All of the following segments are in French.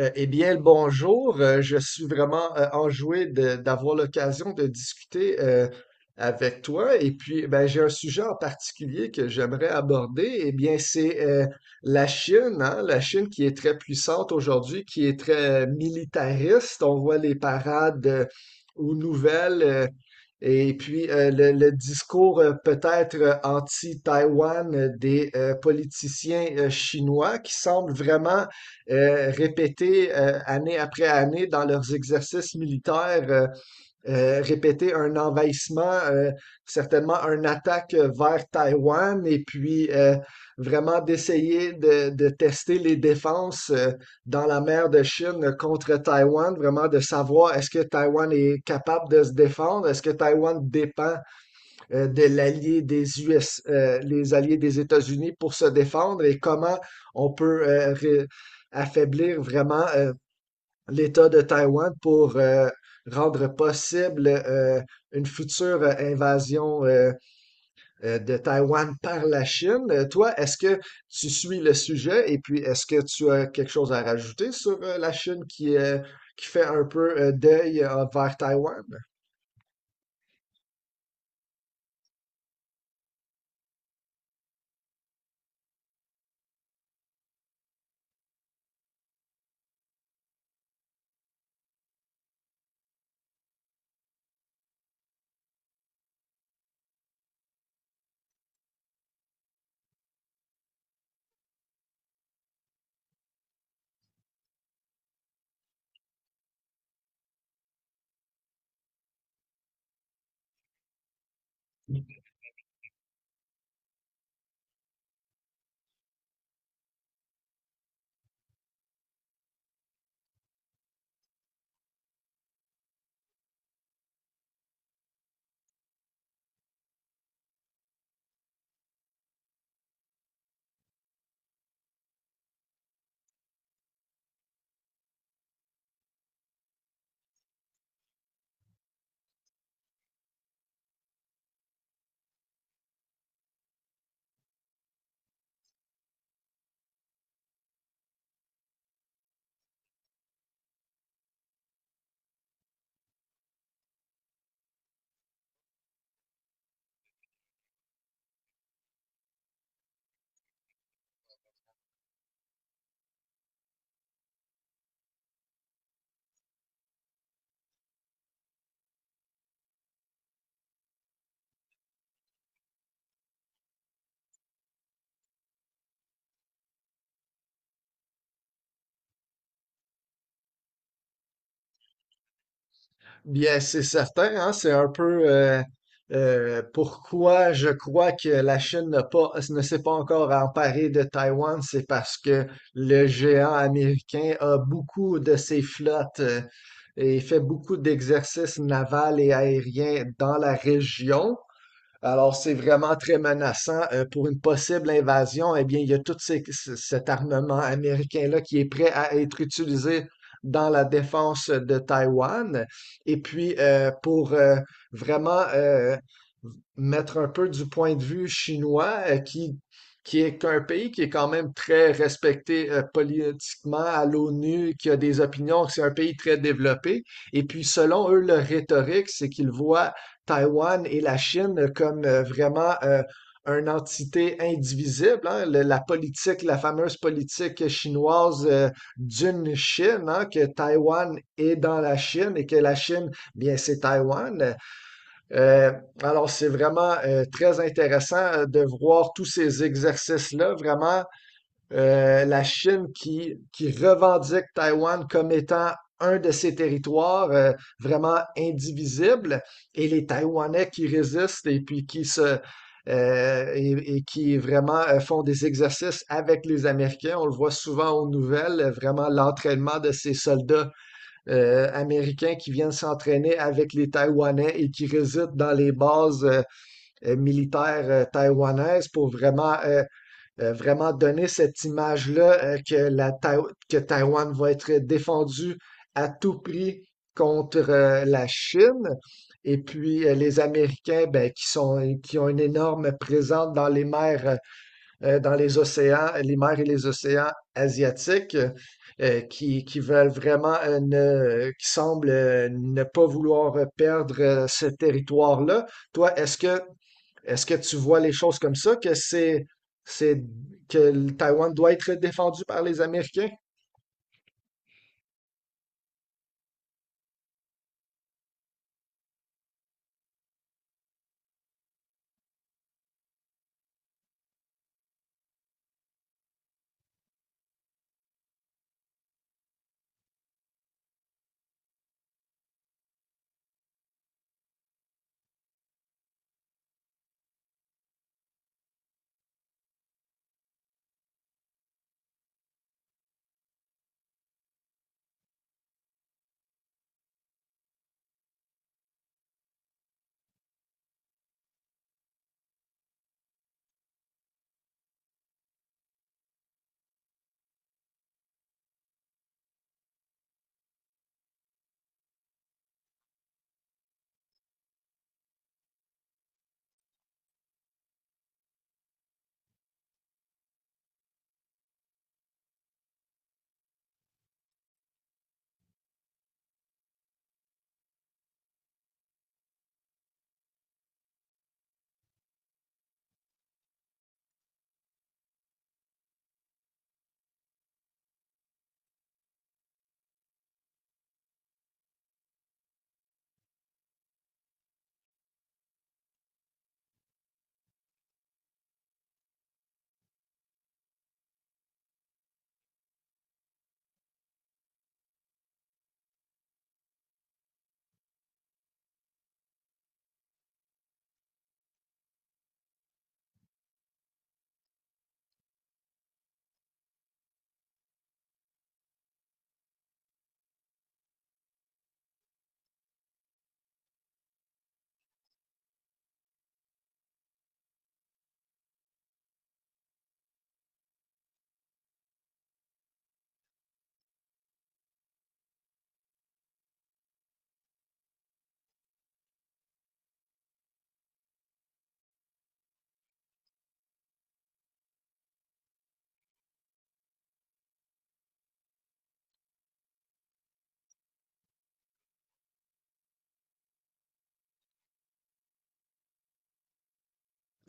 Le bonjour. Je suis vraiment enjoué d'avoir l'occasion de discuter avec toi. Et puis, ben, j'ai un sujet en particulier que j'aimerais aborder. Eh bien, c'est la Chine, hein, la Chine qui est très puissante aujourd'hui, qui est très militariste. On voit les parades aux nouvelles. Et puis, le discours peut-être anti-Taïwan des politiciens chinois qui semble vraiment répéter année après année dans leurs exercices militaires, répéter un envahissement, certainement une attaque vers Taïwan, et puis vraiment d'essayer de tester les défenses dans la mer de Chine contre Taïwan, vraiment de savoir est-ce que Taïwan est capable de se défendre, est-ce que Taïwan dépend de l'allié des US, les alliés des États-Unis pour se défendre et comment on peut affaiblir vraiment l'État de Taïwan pour rendre possible une future invasion. De Taïwan par la Chine. Toi, est-ce que tu suis le sujet et puis est-ce que tu as quelque chose à rajouter sur la Chine qui fait un peu deuil vers Taïwan? Bien, c'est certain, hein, c'est un peu pourquoi je crois que la Chine n'a pas, ne s'est pas encore emparée de Taïwan, c'est parce que le géant américain a beaucoup de ses flottes et fait beaucoup d'exercices navals et aériens dans la région. Alors, c'est vraiment très menaçant pour une possible invasion. Eh bien, il y a tout cet armement américain-là qui est prêt à être utilisé dans la défense de Taïwan. Et puis, pour vraiment mettre un peu du point de vue chinois, qui est un pays qui est quand même très respecté politiquement à l'ONU, qui a des opinions, c'est un pays très développé. Et puis, selon eux, leur rhétorique, c'est qu'ils voient Taïwan et la Chine comme vraiment une entité indivisible, hein. La politique, la fameuse politique chinoise d'une Chine, hein, que Taïwan est dans la Chine et que la Chine, bien, c'est Taïwan. Euh, alors, c'est vraiment très intéressant de voir tous ces exercices-là, vraiment la Chine qui revendique Taïwan comme étant un de ses territoires vraiment indivisible, et les Taïwanais qui résistent et puis qui se et qui vraiment font des exercices avec les Américains. On le voit souvent aux nouvelles, vraiment l'entraînement de ces soldats américains qui viennent s'entraîner avec les Taïwanais et qui résident dans les bases militaires taïwanaises pour vraiment donner cette image-là , que que Taïwan va être défendue à tout prix contre la Chine. Et puis les Américains, ben, qui sont, qui ont une énorme présence dans les mers dans les océans, les mers et les océans asiatiques, qui veulent vraiment, qui semblent ne pas vouloir perdre ce territoire-là. Toi, est-ce que tu vois les choses comme ça, c'est, que le Taïwan doit être défendu par les Américains?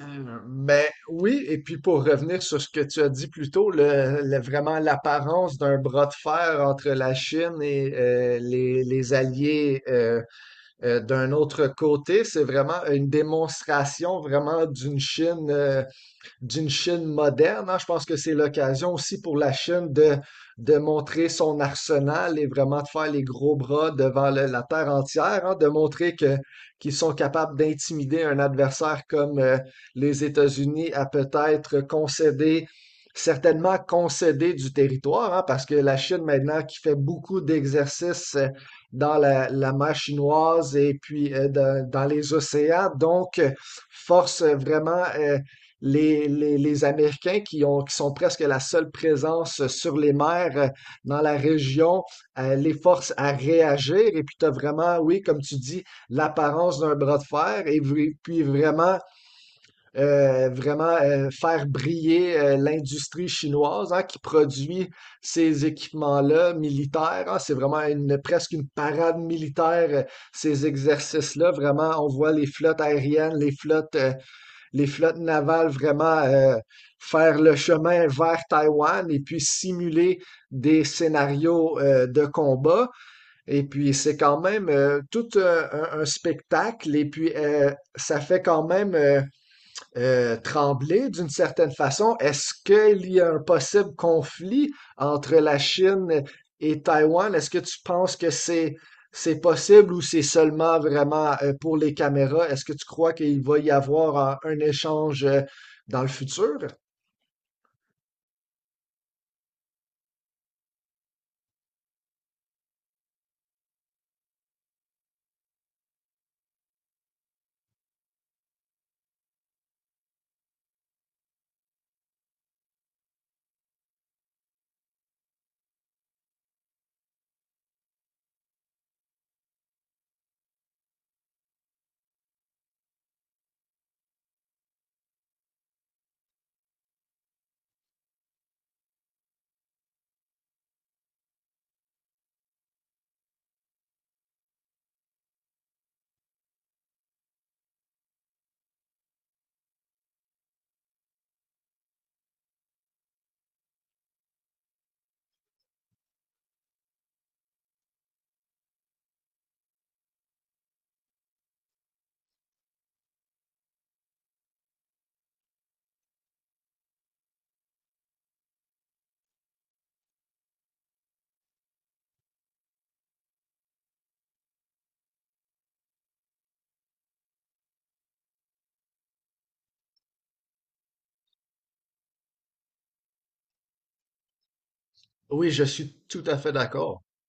Mais oui, et puis pour revenir sur ce que tu as dit plus tôt, vraiment l'apparence d'un bras de fer entre la Chine et les alliés d'un autre côté, c'est vraiment une démonstration vraiment d'une Chine moderne, hein. Je pense que c'est l'occasion aussi pour la Chine de montrer son arsenal et vraiment de faire les gros bras devant la terre entière, hein, de montrer que, qu'ils sont capables d'intimider un adversaire comme les États-Unis, à peut-être concéder, certainement concéder du territoire, hein, parce que la Chine maintenant qui fait beaucoup d'exercices dans la mer chinoise et puis dans les océans, donc force vraiment les Américains qui, qui sont presque la seule présence sur les mers dans la région les forcent à réagir. Et puis, tu as vraiment, oui, comme tu dis, l'apparence d'un bras de fer et v- puis vraiment, vraiment faire briller l'industrie chinoise, hein, qui produit ces équipements-là militaires, hein. C'est vraiment une, presque une parade militaire, ces exercices-là. Vraiment, on voit les flottes aériennes, les flottes navales vraiment faire le chemin vers Taïwan et puis simuler des scénarios de combat. Et puis c'est quand même tout un, un spectacle et puis ça fait quand même... Tremblay, d'une certaine façon. Est-ce qu'il y a un possible conflit entre la Chine et Taïwan? Est-ce que tu penses que c'est possible ou c'est seulement vraiment pour les caméras? Est-ce que tu crois qu'il va y avoir un échange dans le futur? Oui, je suis tout à fait d'accord.